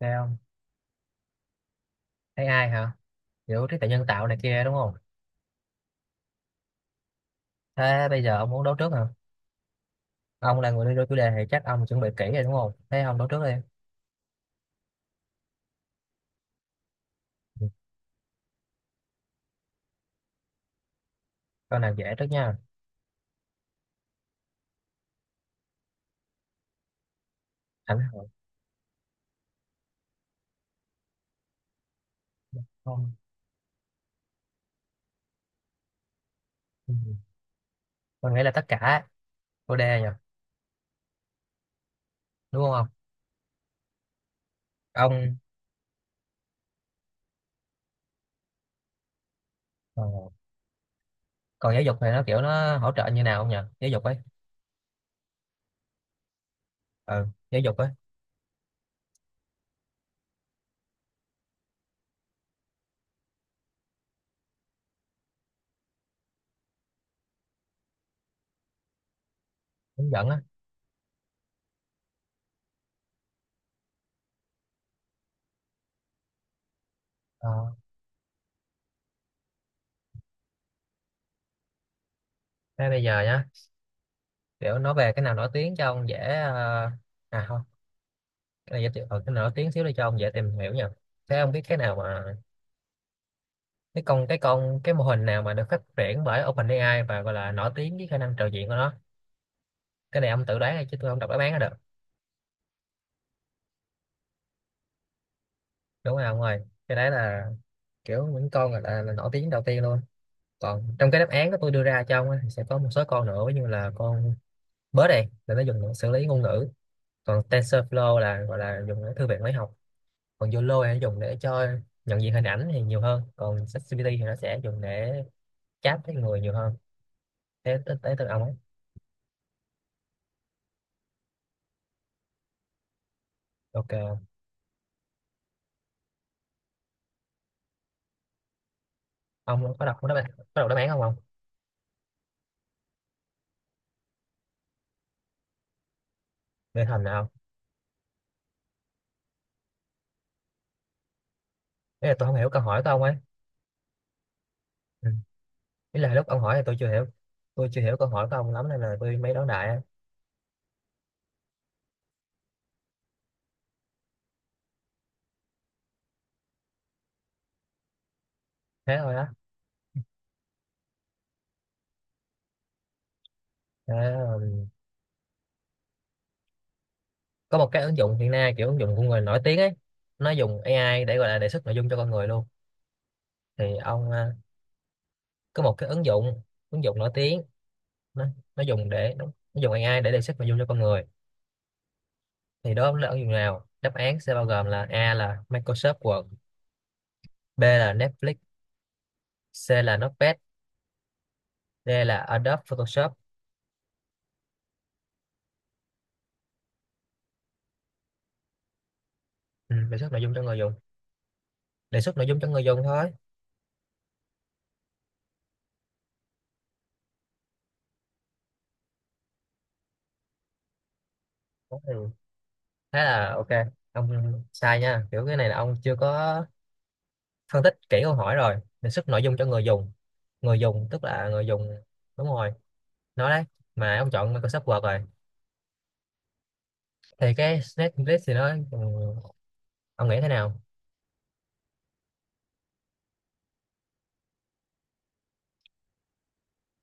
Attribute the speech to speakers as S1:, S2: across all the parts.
S1: Thấy không? Thấy ai hả? Kiểu trí tuệ nhân tạo này kia đúng không? Thế bây giờ ông muốn đấu trước hả? Ông là người đưa đôi chủ đề thì chắc ông chuẩn bị kỹ rồi đúng không? Thế ông đấu trước đi. Ừ. Câu nào dễ trước nha. Ảnh hưởng không? Ừ. Tôi nghĩ là tất cả chủ đề nhỉ? Đúng không? Ông Ông ờ. Còn giáo dục thì nó kiểu nó hỗ trợ như nào không nhỉ? Giáo dục ấy. Ừ, giáo dục ấy, hướng dẫn á. Ờ. Thế bây giờ nhá, kiểu nói về cái nào nổi tiếng cho ông dễ à không, cái này giới thiệu cái nào nổi tiếng xíu đi cho ông dễ tìm hiểu nha. Thế ông biết cái nào mà cái mô hình nào mà được phát triển bởi OpenAI và gọi là nổi tiếng với khả năng trò chuyện của nó. Cái này ông tự đoán thôi chứ tôi không đọc đáp án ra được, đúng không ông ơi? Cái đấy là kiểu những con là nổi tiếng đầu tiên luôn. Còn trong cái đáp án của tôi đưa ra cho ông á, thì sẽ có một số con nữa như là con bớt này là nó dùng để xử lý ngôn ngữ, còn TensorFlow là gọi là dùng để thư viện máy học, còn YOLO là dùng để cho nhận diện hình ảnh thì nhiều hơn, còn ChatGPT thì nó sẽ dùng để chat với người nhiều hơn. Thế tới tới từ ông ấy. Ok. Ông có đọc có đáp án, có đọc đáp án không ông? Nghe thầm nào. Ý là tôi không hiểu câu hỏi của ông ấy. Ừ. Ý là lúc ông hỏi thì tôi chưa hiểu. Tôi chưa hiểu câu hỏi của ông lắm nên là tôi mới đón đại á. Thế thôi á. Thế, ờ, Có một cái ứng dụng hiện nay kiểu ứng dụng của người nổi tiếng ấy. Nó dùng AI để gọi là đề xuất nội dung cho con người luôn. Thì ông có một cái ứng dụng. Ứng dụng nổi tiếng. Nó, nó dùng để nó, nó dùng AI để đề xuất nội dung cho con người. Thì đó là ứng dụng nào? Đáp án sẽ bao gồm là A là Microsoft Word, B là Netflix, C là Notepad, D là Adobe Photoshop. Ừ, Đề xuất nội dung cho người dùng, đề xuất nội dung cho người dùng thôi. Đó thì là ok, ông sai nha, kiểu cái này là ông chưa có phân tích kỹ câu hỏi rồi. Đề xuất nội dung cho người dùng, người dùng tức là người dùng. Đúng rồi, nói đấy, mà ông chọn Microsoft Word rồi. Thì cái Snake List thì nó ông nghĩ thế nào?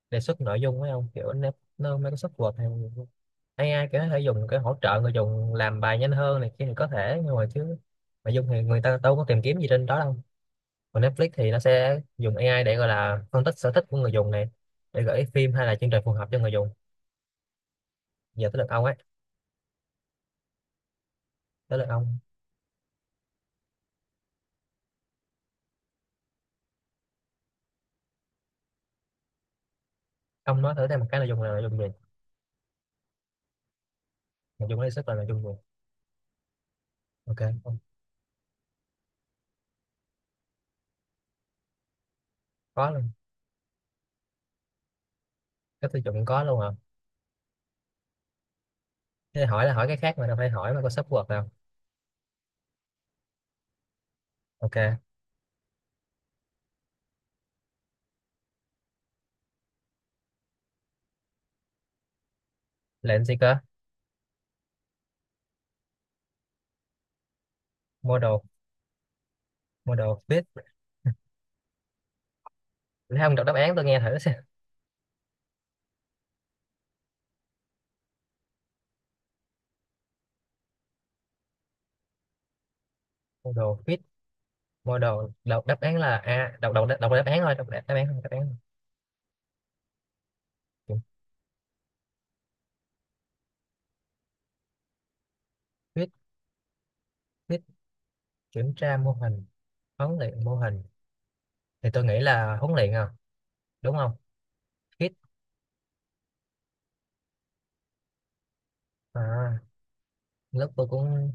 S1: Đề xuất nội dung với ông kiểu nó Microsoft Word hay AI kiểu nó thể dùng cái hỗ trợ người dùng làm bài nhanh hơn này kia thì có thể, nhưng mà chứ nội dung thì người ta đâu có tìm kiếm gì trên đó đâu. Còn Netflix thì nó sẽ dùng AI để gọi là phân tích sở thích của người dùng này, để gửi phim hay là chương trình phù hợp cho người dùng. Giờ tới lượt ông ấy. Tới lượt ông. Ông nói thử thêm một cái nội dung là nội dung gì, nội dung lấy sức là nội dung gì. Ok. Không, có luôn cái tiêu chuẩn, có luôn hả? Thế hỏi là hỏi cái khác mà đâu phải hỏi mà có sub word đâu. Ok. Lệnh gì cơ? Model. Model fit. Thấy ông đọc đáp án tôi nghe thử xem. Model fit. Model đọc đáp án là a, đọc đọc đọc đáp án thôi, đọc đáp án không đáp án. Không. Fit. Fit. Kiểm tra mô hình, huấn luyện mô hình, thì tôi nghĩ là huấn luyện à, đúng không? Hit. À, lúc tôi cũng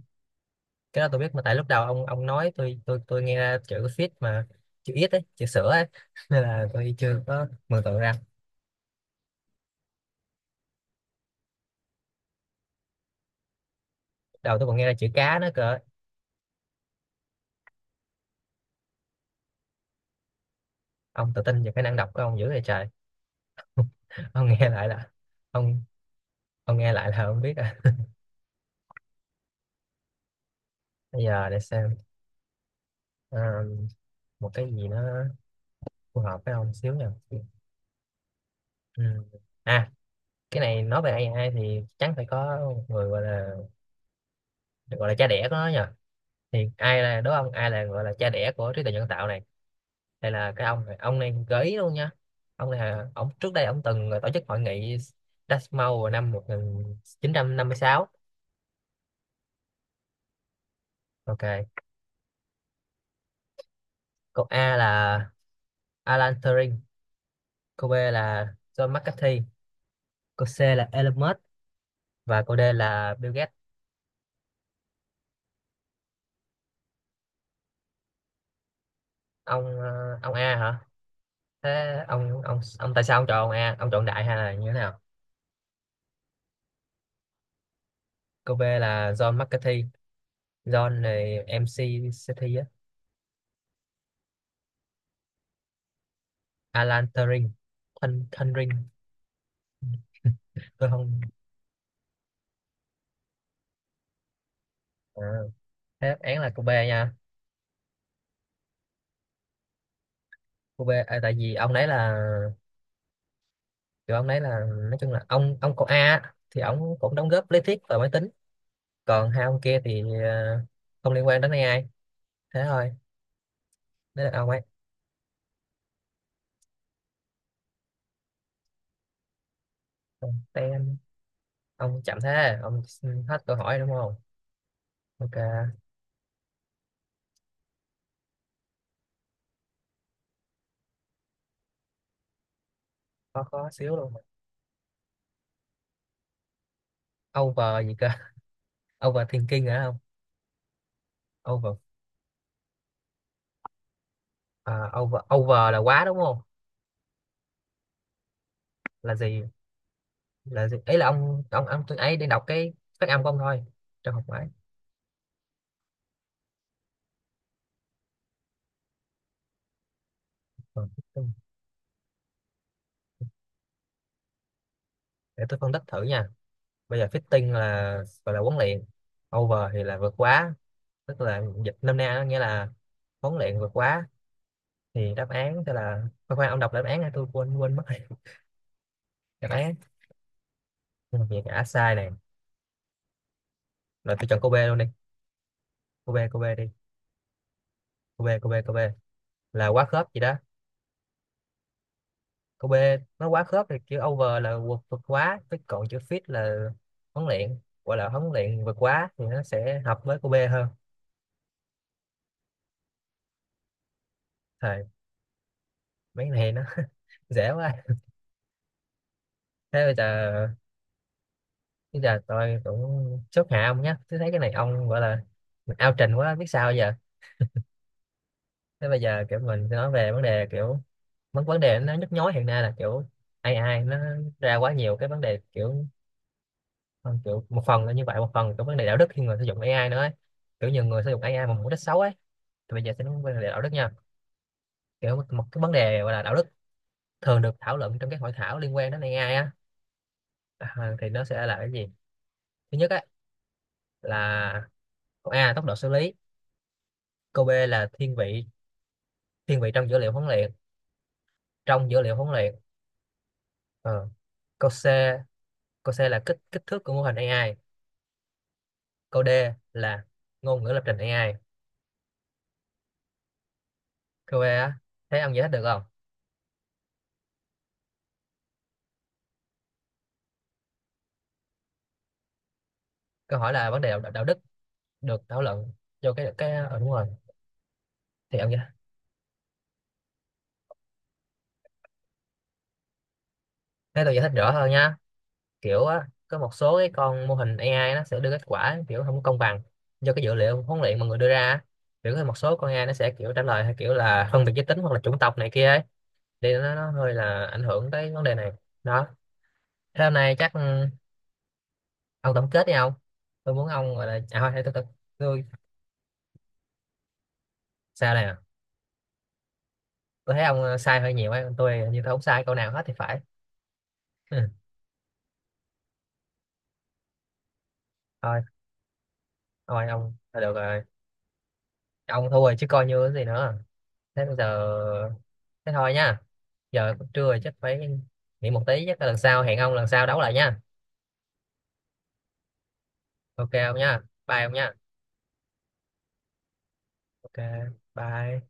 S1: cái đó tôi biết mà, tại lúc đầu ông nói tôi nghe ra chữ fit mà, chữ ít ấy, chữ sữa ấy nên là tôi chưa có mường tượng ra. Đầu tôi còn nghe ra chữ cá nữa cơ. Ông tự tin về khả năng đọc của ông dữ vậy trời. Ông nghe lại là ông ông nghe lại là ông biết à. Bây giờ để xem. Ờ, một cái gì nó phù hợp với ông xíu nha. Ừ. À, cái này nói về AI thì chắc phải có một người gọi là cha đẻ của nó nhỉ. Thì ai là đố ông, ai là gọi là cha đẻ của trí tuệ nhân tạo này? Đây là cái ông này, ông này gợi ý luôn nha. Ông này là ông trước đây ông từng tổ chức hội nghị Dartmouth vào năm 1956. Ok. Câu A là Alan Turing, câu B là John McCarthy, câu C là Elon Musk, và câu D là Bill Gates. Ông ông A hả? Thế ông ông tại sao ông chọn ông A, ông chọn đại hay là như thế nào? Câu B là John McCarthy, John này MC. Alan Turing. Thanh Thanh Ring. Tôi không. À, thế đáp án là cô B nha. Cô B à, tại vì ông đấy là kiểu ông đấy là nói chung là ông cậu A á, thì ông cũng đóng góp lý thuyết và máy tính, còn hai ông kia thì không liên quan đến AI, thế thôi, đấy là ông ấy. Còn tên ông chậm thế ông xin hết câu hỏi đúng không? Ok. Khó khó xíu luôn. Over gì cơ? Over overthinking hả? Không. Over. À, over, over là quá đúng không? Là gì? Là gì? Ấy là ông tôi ấy đang đọc cái phát âm của ông thôi. Trong học máy. Còn fitting, để tôi phân tích thử nha. Bây giờ fitting là gọi là huấn luyện, over thì là vượt quá, tức là dịch nôm na nó nghĩa là huấn luyện vượt quá, thì đáp án sẽ là khoan khoan ông đọc đáp án này tôi quên quên mất rồi. Đáp án, nhưng mà việc đã sai này, rồi tôi chọn cô B luôn đi. Cô B cô B đi cô B cô B cô B Là quá khớp gì đó. Câu B. Nó quá khớp, thì chữ over là vượt vượt quá, với còn chữ fit là huấn luyện, gọi là huấn luyện vượt quá thì nó sẽ hợp với câu B hơn. Thời mấy cái này nó dễ quá. Thế bây giờ tôi cũng chốt hạ ông nhé, tôi thấy cái này ông gọi là mình ao trình quá biết sao giờ. Thế bây giờ kiểu mình sẽ nói về vấn đề kiểu vấn vấn đề nó nhức nhối hiện nay là kiểu ai ai nó ra quá nhiều cái vấn đề, kiểu kiểu một phần là như vậy, một phần là cái vấn đề đạo đức khi người sử dụng AI nữa ấy. Kiểu nhiều người sử dụng AI mà mục đích xấu ấy. Thì bây giờ sẽ nói về vấn đề đạo đức nha. Kiểu một, cái vấn đề gọi là đạo đức thường được thảo luận trong các hội thảo liên quan đến AI á, thì nó sẽ là cái gì. Thứ nhất á, là câu A tốc độ xử lý, câu B là thiên vị, thiên vị trong dữ liệu huấn luyện, trong dữ liệu huấn luyện. Ờ. Câu C, câu C là kích kích thước của mô hình AI. Câu D là ngôn ngữ lập trình AI. Câu E á. Thấy ông giải thích được không? Câu hỏi là vấn đề đạo đức được thảo luận vô cái ừ, đúng rồi, thì ông giải thấy. Tôi giải thích rõ hơn nhá. Kiểu á có một số cái con mô hình AI nó sẽ đưa kết quả kiểu không công bằng do cái dữ liệu huấn luyện mà người đưa ra á. Kiểu có một số con AI nó sẽ kiểu trả lời theo kiểu là phân biệt giới tính hoặc là chủng tộc này kia ấy, thì nó hơi là ảnh hưởng tới vấn đề này. Đó. Thế hôm nay chắc ông tổng kết đi ông. Tôi muốn ông gọi là à thôi để tôi sao nè. Tôi thấy ông sai hơi nhiều ấy, còn tôi như tôi không sai câu nào hết thì phải. Ừ. thôi thôi ông thôi được rồi. Ông thua rồi chứ coi như cái gì nữa. Thế bây giờ, thế thôi nha, giờ cũng trưa rồi chắc phải nghỉ một tí, chắc là lần sau hẹn ông lần sau đấu lại nha. Ok không nha. Bye ông nha. Ok. Bye.